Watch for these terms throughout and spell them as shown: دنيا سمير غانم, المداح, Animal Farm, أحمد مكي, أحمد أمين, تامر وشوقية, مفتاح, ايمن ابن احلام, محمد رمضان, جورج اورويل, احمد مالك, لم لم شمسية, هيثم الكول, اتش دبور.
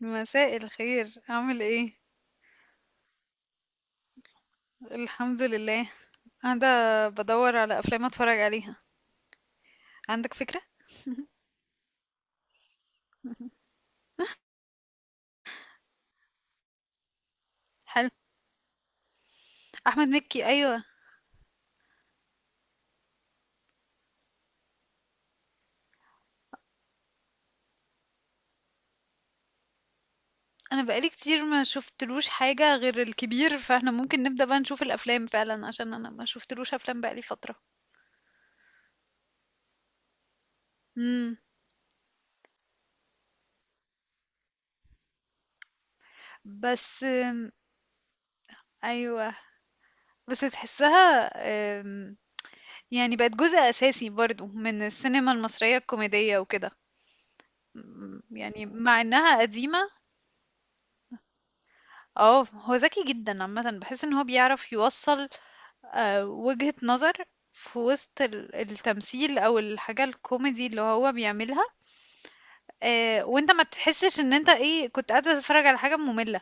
مساء الخير، عامل ايه؟ الحمد لله. قاعده بدور على افلام اتفرج عليها. عندك فكره؟ حلو. احمد مكي، ايوه. انا بقالي كتير ما شفتلوش حاجه غير الكبير، فاحنا ممكن نبدا بقى نشوف الافلام فعلا عشان انا ما شفتلوش افلام بقالي فتره. امم. بس أم، ايوه، بس تحسها. أم، يعني بقت جزء اساسي برضو من السينما المصريه الكوميديه وكده. يعني مع انها قديمه. اه، هو ذكي جدا عامة، بحس ان هو بيعرف يوصل وجهة نظر في وسط التمثيل او الحاجة الكوميدي اللي هو بيعملها. وانت ما تحسش ان انت ايه كنت قاعد بتتفرج على حاجة مملة.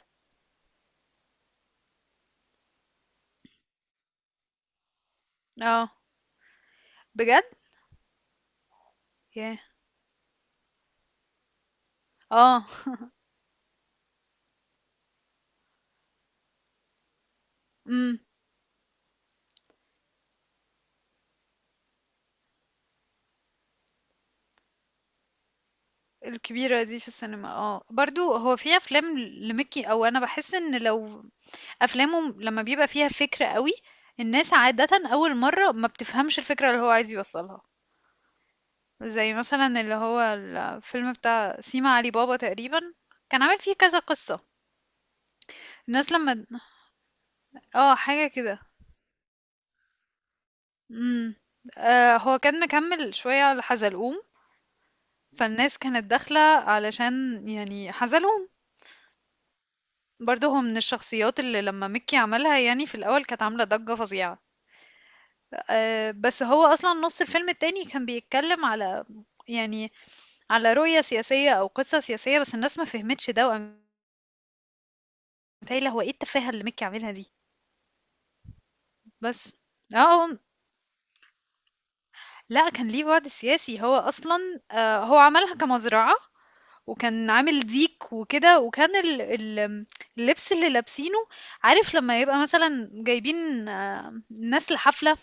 اه، بجد. ياه. اه. امم. الكبيرة دي في السينما، اه برضو هو في افلام لميكي، او انا بحس ان لو افلامه لما بيبقى فيها فكرة قوي الناس عادة اول مرة ما بتفهمش الفكرة اللي هو عايز يوصلها. زي مثلا اللي هو الفيلم بتاع سيما علي بابا تقريبا كان عامل فيه كذا قصة. الناس لما، اه، حاجة كده. امم. آه، هو كان مكمل شوية على حزلقوم، فالناس كانت داخلة علشان يعني حزلقوم. برضه هو من الشخصيات اللي لما مكي عملها يعني في الأول كانت عاملة ضجة فظيعة. بس هو أصلا نص الفيلم التاني كان بيتكلم على، يعني، على رؤية سياسية أو قصة سياسية، بس الناس ما فهمتش ده، وقامت قايلة هو ايه التفاهة اللي مكي عاملها دي؟ بس. آه، آه، لأ، كان ليه بُعد سياسي، هو أصلًا هو عملها كمزرعة، وكان عامل ديك وكده، وكان ال اللبس اللي لابسينه، عارف لمّا يبقى مثلًا جايبين ناس لحفلة،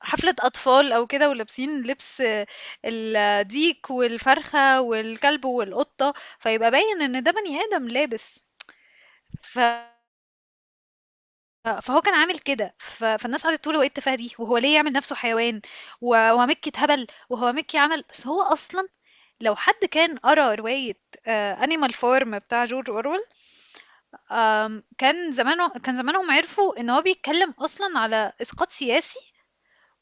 حفلة أطفال أو كده، ولابسين لبس الديك والفرخة والكلب والقطة، فيبقى باين إن ده بني آدم لابس. ف فهو كان عامل كده فالناس قعدت تقول هو ايه التفاهه دي وهو ليه يعمل نفسه حيوان. ومكي اتهبل. وهو مكي عمل، بس هو اصلا لو حد كان قرا روايه انيمال فورم بتاع جورج اورويل كان زمانهم عرفوا ان هو بيتكلم اصلا على اسقاط سياسي.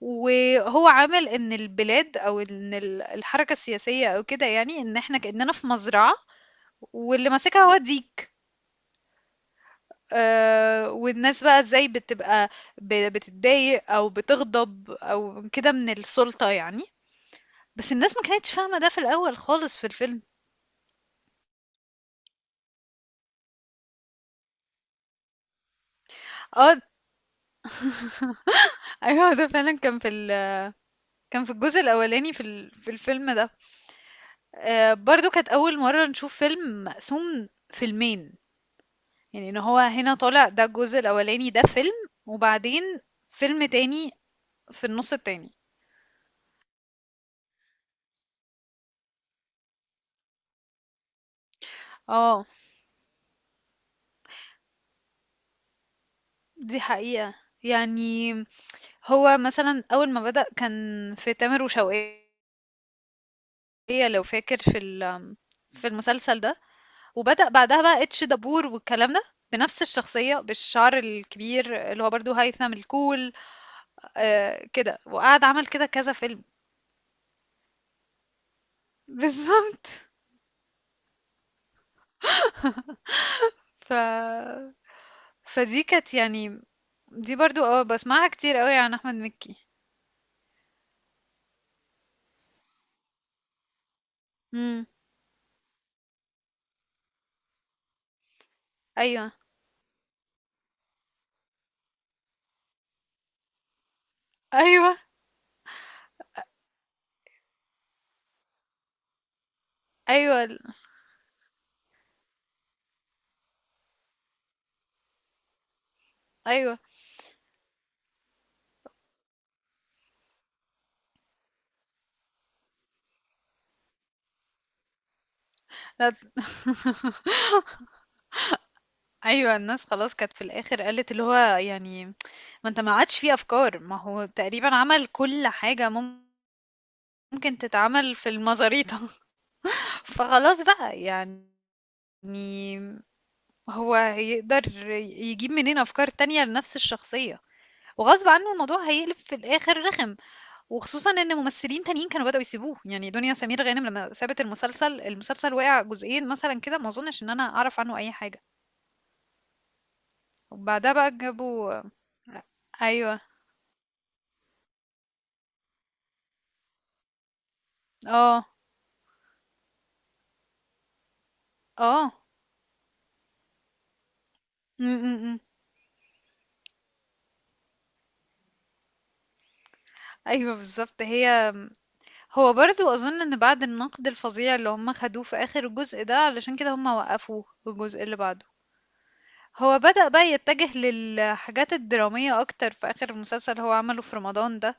وهو عامل ان البلاد او ان الحركه السياسيه او كده، يعني ان احنا كاننا في مزرعه واللي ماسكها هو الديك. والناس بقى ازاي بتبقى بتتضايق او بتغضب او كده من السلطة يعني. بس الناس ما كانتش فاهمة ده في الاول خالص في الفيلم. اه. ايوه، ده فعلا كان في كان في الجزء الاولاني في في الفيلم ده. برضو كانت اول مرة نشوف فيلم مقسوم فيلمين، يعني ان هو هنا طالع، ده الجزء الاولاني ده فيلم، وبعدين فيلم تاني في النص التاني. اه. دي حقيقة. يعني هو مثلًا أول ما بدأ كان في تامر وشوقية، لو فاكر في ال، في المسلسل ده، وبدأ بعدها بقى اتش دبور والكلام ده، بنفس الشخصية، بالشعر الكبير اللي هو برضه هيثم الكول. كده، وقعد عمل كده كذا فيلم. بالضبط. ف فدي كانت يعني، دي برضه باسمعها كتير أوي عن أحمد مكي. إمم. أيوه، أيوه. أيوه، ال، أيوه. لا. أيوه، الناس خلاص كانت في الآخر قالت اللي هو، يعني، ما أنت ما عادش في أفكار، ما هو تقريبًا عمل كل حاجة ممكن تتعمل في المزاريطة. فخلاص بقى، يعني، هو هيقدر يجيب منين أفكار تانية لنفس الشخصية، وغصب عنه الموضوع هيقلب في الآخر رخم، وخصوصًا إن ممثلين تانيين كانوا بدأوا يسيبوه، يعني دنيا سمير غانم لمّا سابت المسلسل، المسلسل وقع جزئين مثلًا كده، ما أظنش إن أنا أعرف عنه أي حاجة. وبعدها بقى جابوا. أيوه. آه، آه. إمم، إمم، إمم. أيوه بالضبط. هو برضه أظن إن بعد النقد الفظيع اللي هم خدوه في آخر الجزء ده، علشان كده هم وقّفوه والجزء اللي بعده. هو بدأ بقى يتجه للحاجات الدرامية أكتر في آخر المسلسل اللي هو عمله في رمضان ده،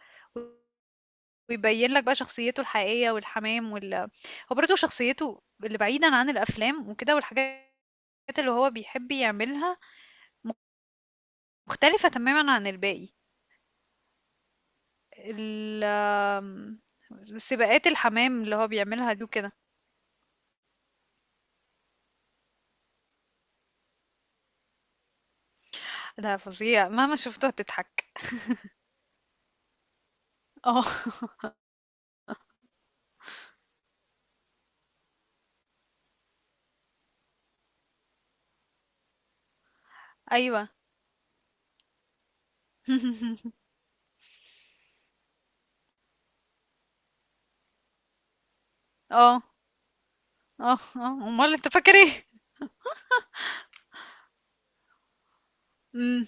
ويبيّن لك بقى شخصيته الحقيقية والحمام وال، هو برضه شخصيته اللي بعيدًا عن الأفلام وكده والحاجات اللي هو بيحب يعملها مختلفة تمامًا عن الباقي. ال سباقات الحمام اللي هو بيعملها دي وكده. ده فظيع، مهما شفته هتضحك. اه. ايوه. اه. اه. اه، امال انت فاكر ايه؟ امم.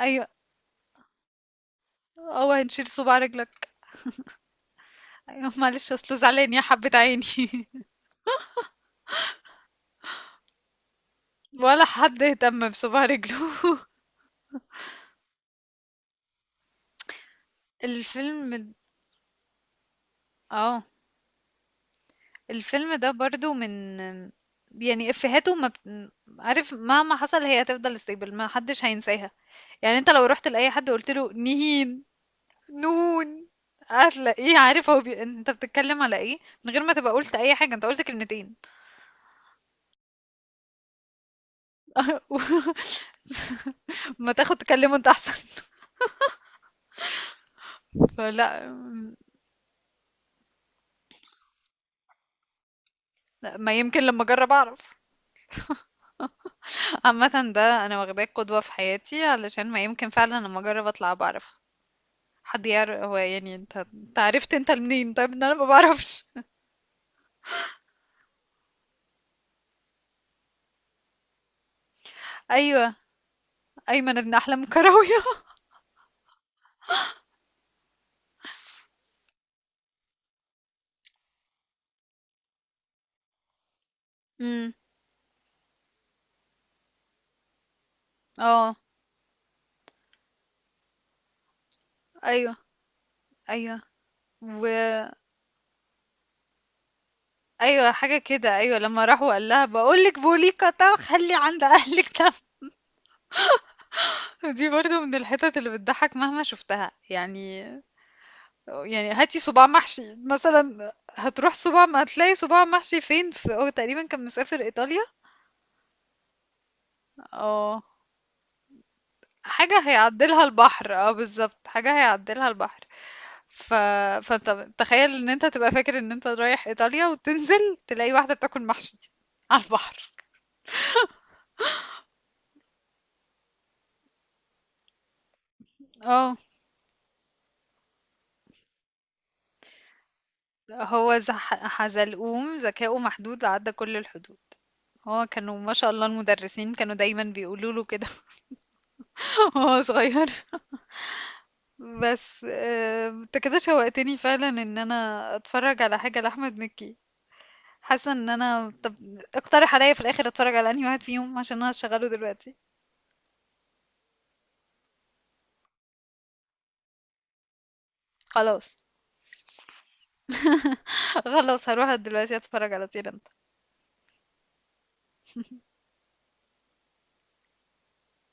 ايوه. اه، هنشيل صباع رجلك. ايوه، معلش اصله زعلان يا حبة عيني. ولا حد اهتم بصباع رجله. الفيلم د- اه. الفيلم ده برضو من، يعني، افهاته ما بت... عارف مهما حصل هي هتفضل ستيبل ما حدش هينساها. يعني انت لو رحت لاي حد وقلت له نهين نون هتلاقيه عارف هو انت بتتكلم على ايه، من غير ما تبقى قلت اي حاجه، انت قلت كلمتين. ما تاخد تكلمه انت احسن. فلا م- لا، ما يمكن لما اجرب اعرف. عامه ده انا واخداه قدوه في حياتي، علشان ما يمكن فعلا لما اجرب اطلع بعرف. حد يعرف هو، يعني، انت عرفت انت منين؟ طيب ان انا ما بعرفش. ايوه، ايمن ابن احلام كراويه. امم. اه. ايوه، ايوه. و أيوه، حاجة كده، أيوه، لمّا راح وقال لها باقول لِك بوليكا تا خلّي عند أهلِك ده. دي برضه من الحِتَت اللي بتضحّك مهما شُفتها. يعني هاتي صُباع محشي مثلًا، هتروح صُباع م هتلاقي صُباع محشي فين؟ ف هو تقريبًا كان مسافر إيطاليا. آه، حاجة هيعدّلها البحر، آه بالضبط، حاجة هيعدّلها البحر. ف فأنت تخيّل إن أنت تبقى فاكر إن أنت رايح إيطاليا وتنزل تلاقي واحدة بتاكل محشي على البحر. آه. هو زح... حزلقوم ذكاؤه محدود عدى كل الحدود. هو كانوا ما شاء الله المدرسين كانوا دايما بيقولوا له كده وهو صغير. بس انت كده شوقتني فعلا ان انا اتفرج على حاجة لأحمد مكي. حاسة ان انا، طب اقترح عليا في الاخر اتفرج على انهي واحد فيهم عشان انا هشغله دلوقتي. خلاص. خلاص هروح دلوقتي اتفرج على طير.